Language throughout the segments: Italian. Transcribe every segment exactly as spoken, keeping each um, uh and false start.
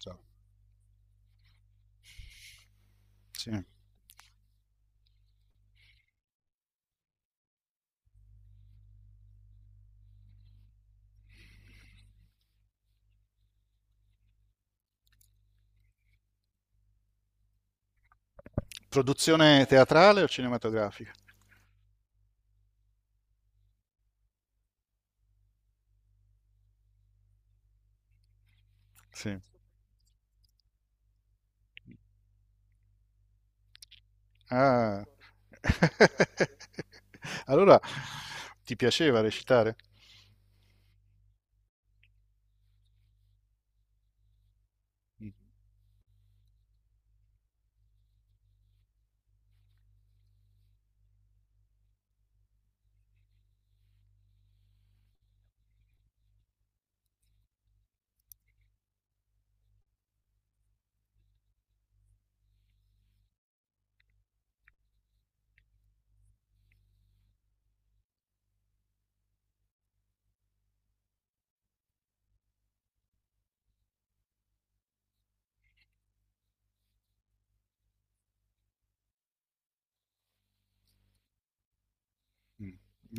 So. Sì. Produzione teatrale o cinematografica? Sì. Ah. allora, ti piaceva recitare? Mm.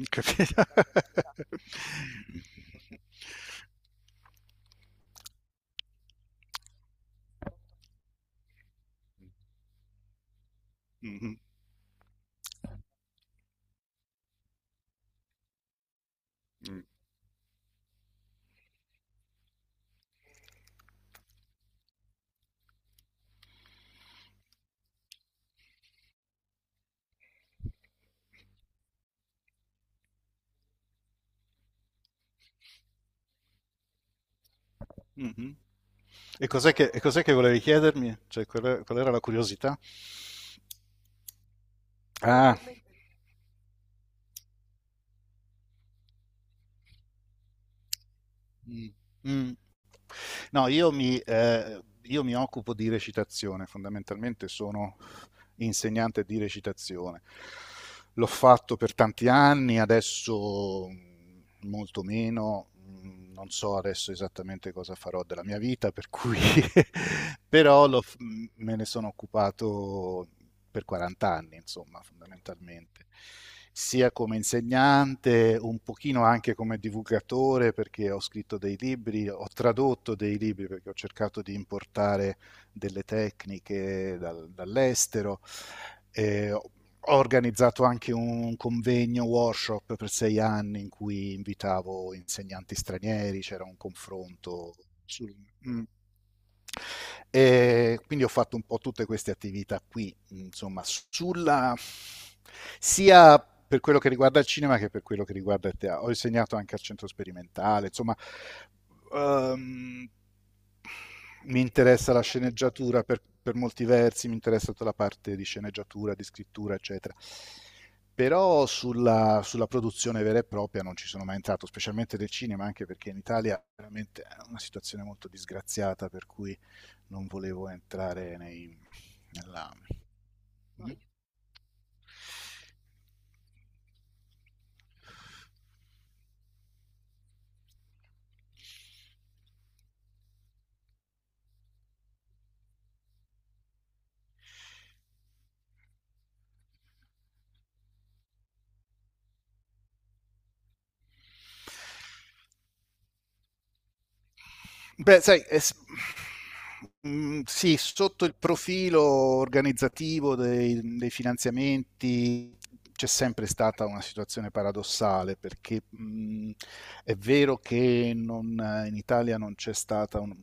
Capito? Mm. Mm. Mm-hmm. E cos'è che, e cos'è che volevi chiedermi? Cioè, qual, è- qual era la curiosità? Ah, Mm. Mm. No, io mi, eh, io mi occupo di recitazione, fondamentalmente sono insegnante di recitazione. L'ho fatto per tanti anni, adesso mh, molto meno, mh, non so adesso esattamente cosa farò della mia vita, per cui però l'ho f- me ne sono occupato per quaranta anni, insomma, fondamentalmente, sia come insegnante, un pochino anche come divulgatore, perché ho scritto dei libri, ho tradotto dei libri, perché ho cercato di importare delle tecniche dal- dall'estero. Eh, ho organizzato anche un convegno, workshop per sei anni in cui invitavo insegnanti stranieri, c'era un confronto sul... Mm. E quindi ho fatto un po' tutte queste attività qui, insomma, sulla sia per quello che riguarda il cinema che per quello che riguarda il teatro. Ho insegnato anche al centro sperimentale, insomma, ehm, mi interessa la sceneggiatura per, per molti versi, mi interessa tutta la parte di sceneggiatura, di scrittura, eccetera. Però sulla, sulla produzione vera e propria non ci sono mai entrato, specialmente del cinema, anche perché in Italia veramente è una situazione molto disgraziata, per cui non volevo entrare nei, nella, Beh, sai, è s- mm, sì, sotto il profilo organizzativo dei, dei finanziamenti c'è sempre stata una situazione paradossale perché mm, è vero che non- in Italia non c'è stata un,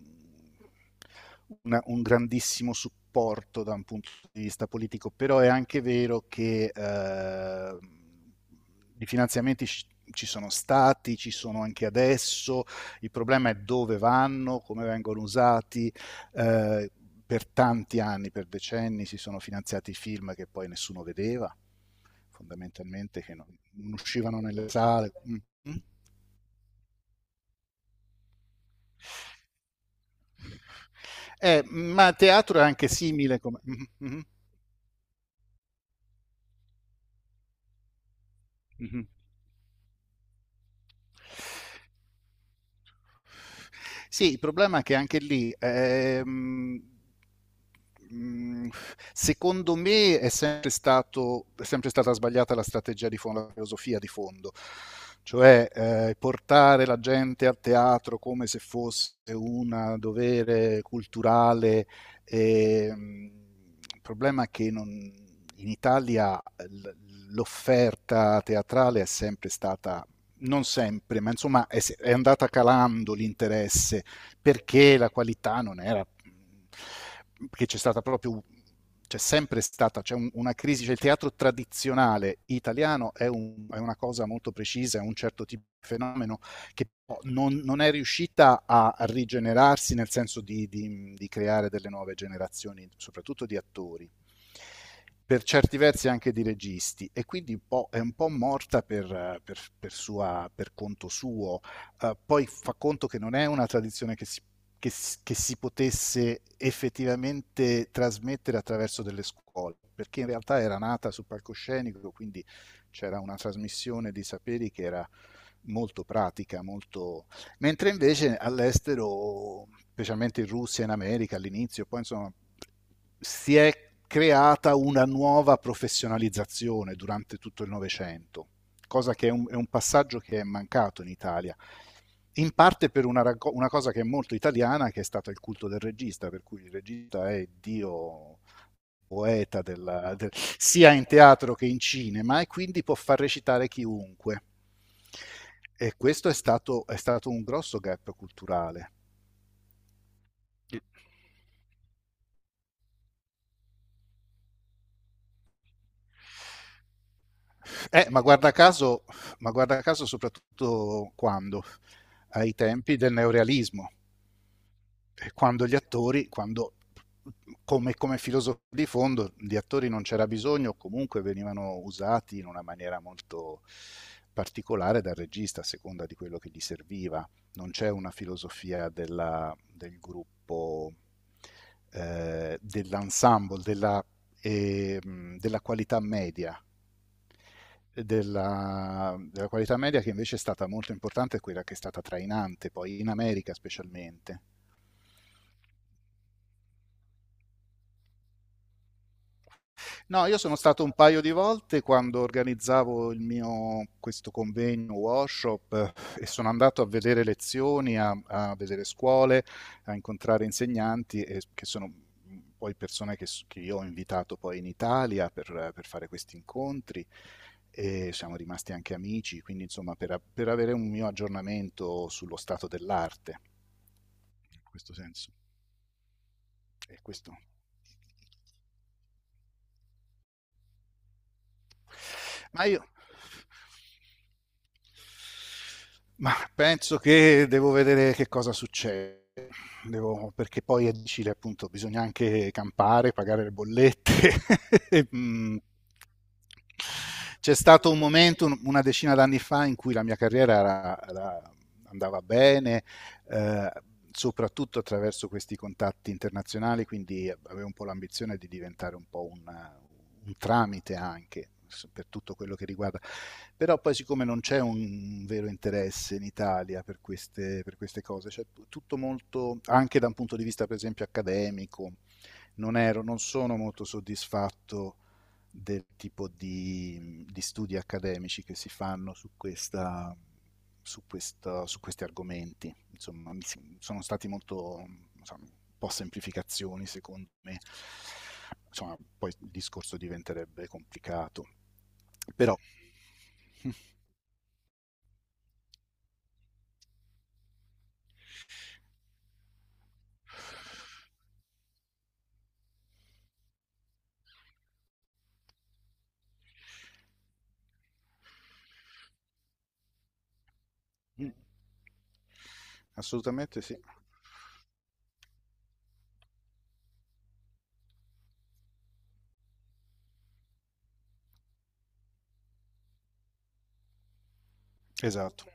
una- un grandissimo supporto da un punto di vista politico, però è anche vero che eh, i finanziamenti ci ci sono stati, ci sono anche adesso il problema è dove vanno, come vengono usati. eh, per tanti anni, per decenni, si sono finanziati film che poi nessuno vedeva, fondamentalmente, che non, non uscivano nelle sale. Mm. Eh, ma teatro è anche simile come... Mhm, mhm, mhm. Sì, il problema è che anche lì, ehm, mh, secondo me, è sempre stato, è sempre stata sbagliata la strategia di fondo, la filosofia di fondo, cioè eh, portare la gente al teatro come se fosse un dovere culturale. ehm, il problema è che non- in Italia l- l'offerta teatrale è sempre stata non sempre, ma insomma è, è andata calando l'interesse perché la qualità non era, perché c'è stata proprio c'è sempre stata, c'è un- una crisi, cioè il teatro tradizionale italiano è, un- è una cosa molto precisa, è un certo tipo di fenomeno che po- non, non è riuscita a rigenerarsi nel senso di, di- di creare delle nuove generazioni, soprattutto di attori per certi versi anche di registi e quindi un po', è un po' morta per, per, per, sua, per conto suo. Uh, poi fa conto che non è una tradizione che si, che, che si, potesse effettivamente trasmettere attraverso delle scuole, perché in realtà era nata sul palcoscenico, quindi c'era una trasmissione di saperi che era molto pratica, molto mentre invece all'estero, specialmente in Russia, e in America all'inizio, poi insomma, si è creata una nuova professionalizzazione durante tutto il Novecento, cosa che è un, è un, passaggio che è mancato in Italia, in parte per una, una cosa che è molto italiana, che è stato il culto del regista, per cui il regista è Dio poeta della- del- sia in teatro che in cinema e quindi può far recitare chiunque. E questo è stato, è stato un grosso gap culturale. Eh, ma guarda caso, ma guarda caso soprattutto quando? Ai tempi del neorealismo. quando gli attori, quando come, come filosofia di fondo di attori non c'era bisogno, comunque venivano usati in una maniera molto particolare dal regista a seconda di quello che gli serviva. Non c'è una filosofia della- del gruppo, eh, dell'ensemble, della, ehm, della qualità media. Della, della qualità media che invece è stata molto importante, è quella che è stata trainante poi in America specialmente. No, io sono stato un paio di volte quando organizzavo il mio, questo convegno, workshop, eh, e sono andato a vedere lezioni, a, a vedere scuole, a incontrare insegnanti, e, che, sono poi persone che, s- che io ho invitato poi in Italia per, per fare questi incontri e siamo rimasti anche amici, quindi insomma per, a- per avere un mio aggiornamento sullo stato dell'arte, in questo senso. E questo. Ma io, ma penso che devo vedere che cosa succede. Devo- perché poi è difficile, appunto, bisogna anche campare, pagare le bollette. E, Mm. C'è stato un momento, un- una decina d'anni fa, in cui la mia carriera era- era- andava bene, eh, soprattutto attraverso questi contatti internazionali, quindi avevo un po' l'ambizione di diventare un po' un, un tramite anche per tutto quello che riguarda. Però poi siccome non c'è un vero interesse in Italia per queste, per queste cose, cioè tutto molto, anche da un punto di vista per esempio accademico, non, ero, non sono molto soddisfatto del tipo di, di studi accademici che si fanno su, questa, su, questa, su questi argomenti. Insomma, sono stati molto insomma, un po' semplificazioni, secondo me. Insomma, poi il discorso diventerebbe complicato. Però. Assolutamente sì. Esatto,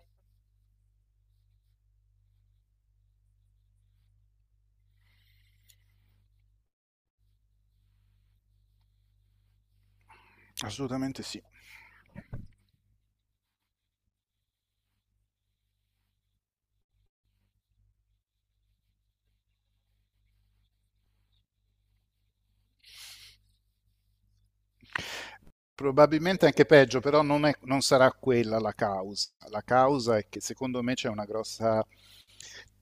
assolutamente sì. Probabilmente anche peggio, però non, è- non sarà quella la causa. La causa è che secondo me c'è una grossa,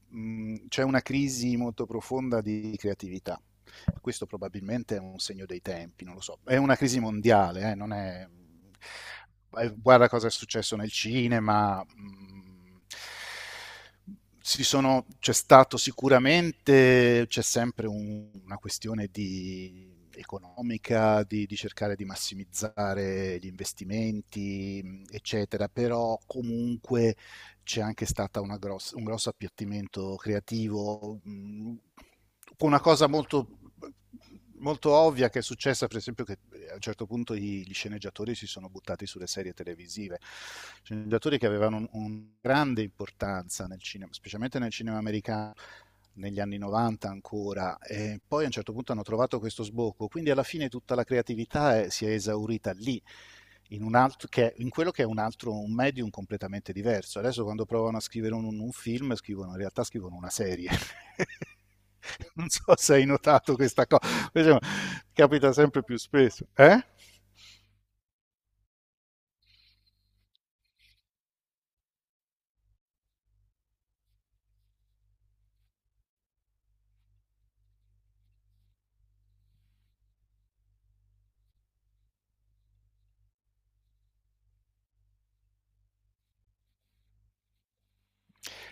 mh, c'è una crisi molto profonda di creatività. Questo probabilmente è un segno dei tempi, non lo so. È una crisi mondiale, eh, non è... eh, Guarda cosa è successo nel cinema. mh, si sono- c'è stato sicuramente, c'è sempre un- una questione di- economica, di, di cercare di massimizzare gli investimenti, mh, eccetera, però comunque c'è anche stato gross- un grosso appiattimento creativo mh, con una cosa molto, molto ovvia che è successa, per esempio, che eh, a un certo punto i- gli sceneggiatori si sono buttati sulle serie televisive, sceneggiatori che avevano un, un grande importanza nel cinema, specialmente nel cinema americano negli anni novanta ancora, e poi a un certo punto hanno trovato questo sbocco, quindi alla fine tutta la creatività è- si è esaurita lì in, un altro, che, in quello che è un altro un medium completamente diverso. Adesso quando provano a scrivere un, un film, scrivono, in realtà scrivono una serie. Non so se hai notato questa cosa, capita sempre più spesso. Eh?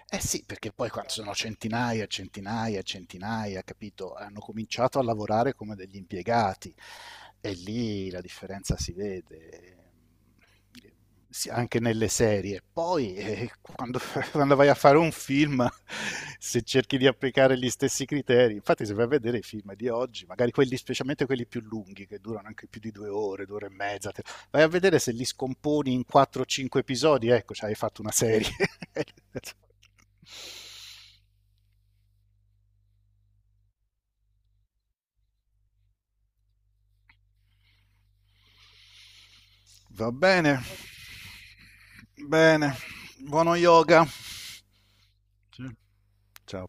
Eh sì, perché poi quando sono centinaia, centinaia, centinaia, capito? Hanno cominciato a lavorare come degli impiegati e lì la differenza si vede. Sì, anche nelle serie. Poi, eh, quando, quando vai a fare un film, se cerchi di applicare gli stessi criteri, infatti, se vai a vedere i film di oggi, magari quelli, specialmente quelli più lunghi, che durano anche più di due ore, due ore e mezza, vai a vedere se li scomponi in quattro o cinque episodi, ecco, cioè hai fatto una serie. Va bene. Bene. Buono yoga. Sì. Ciao.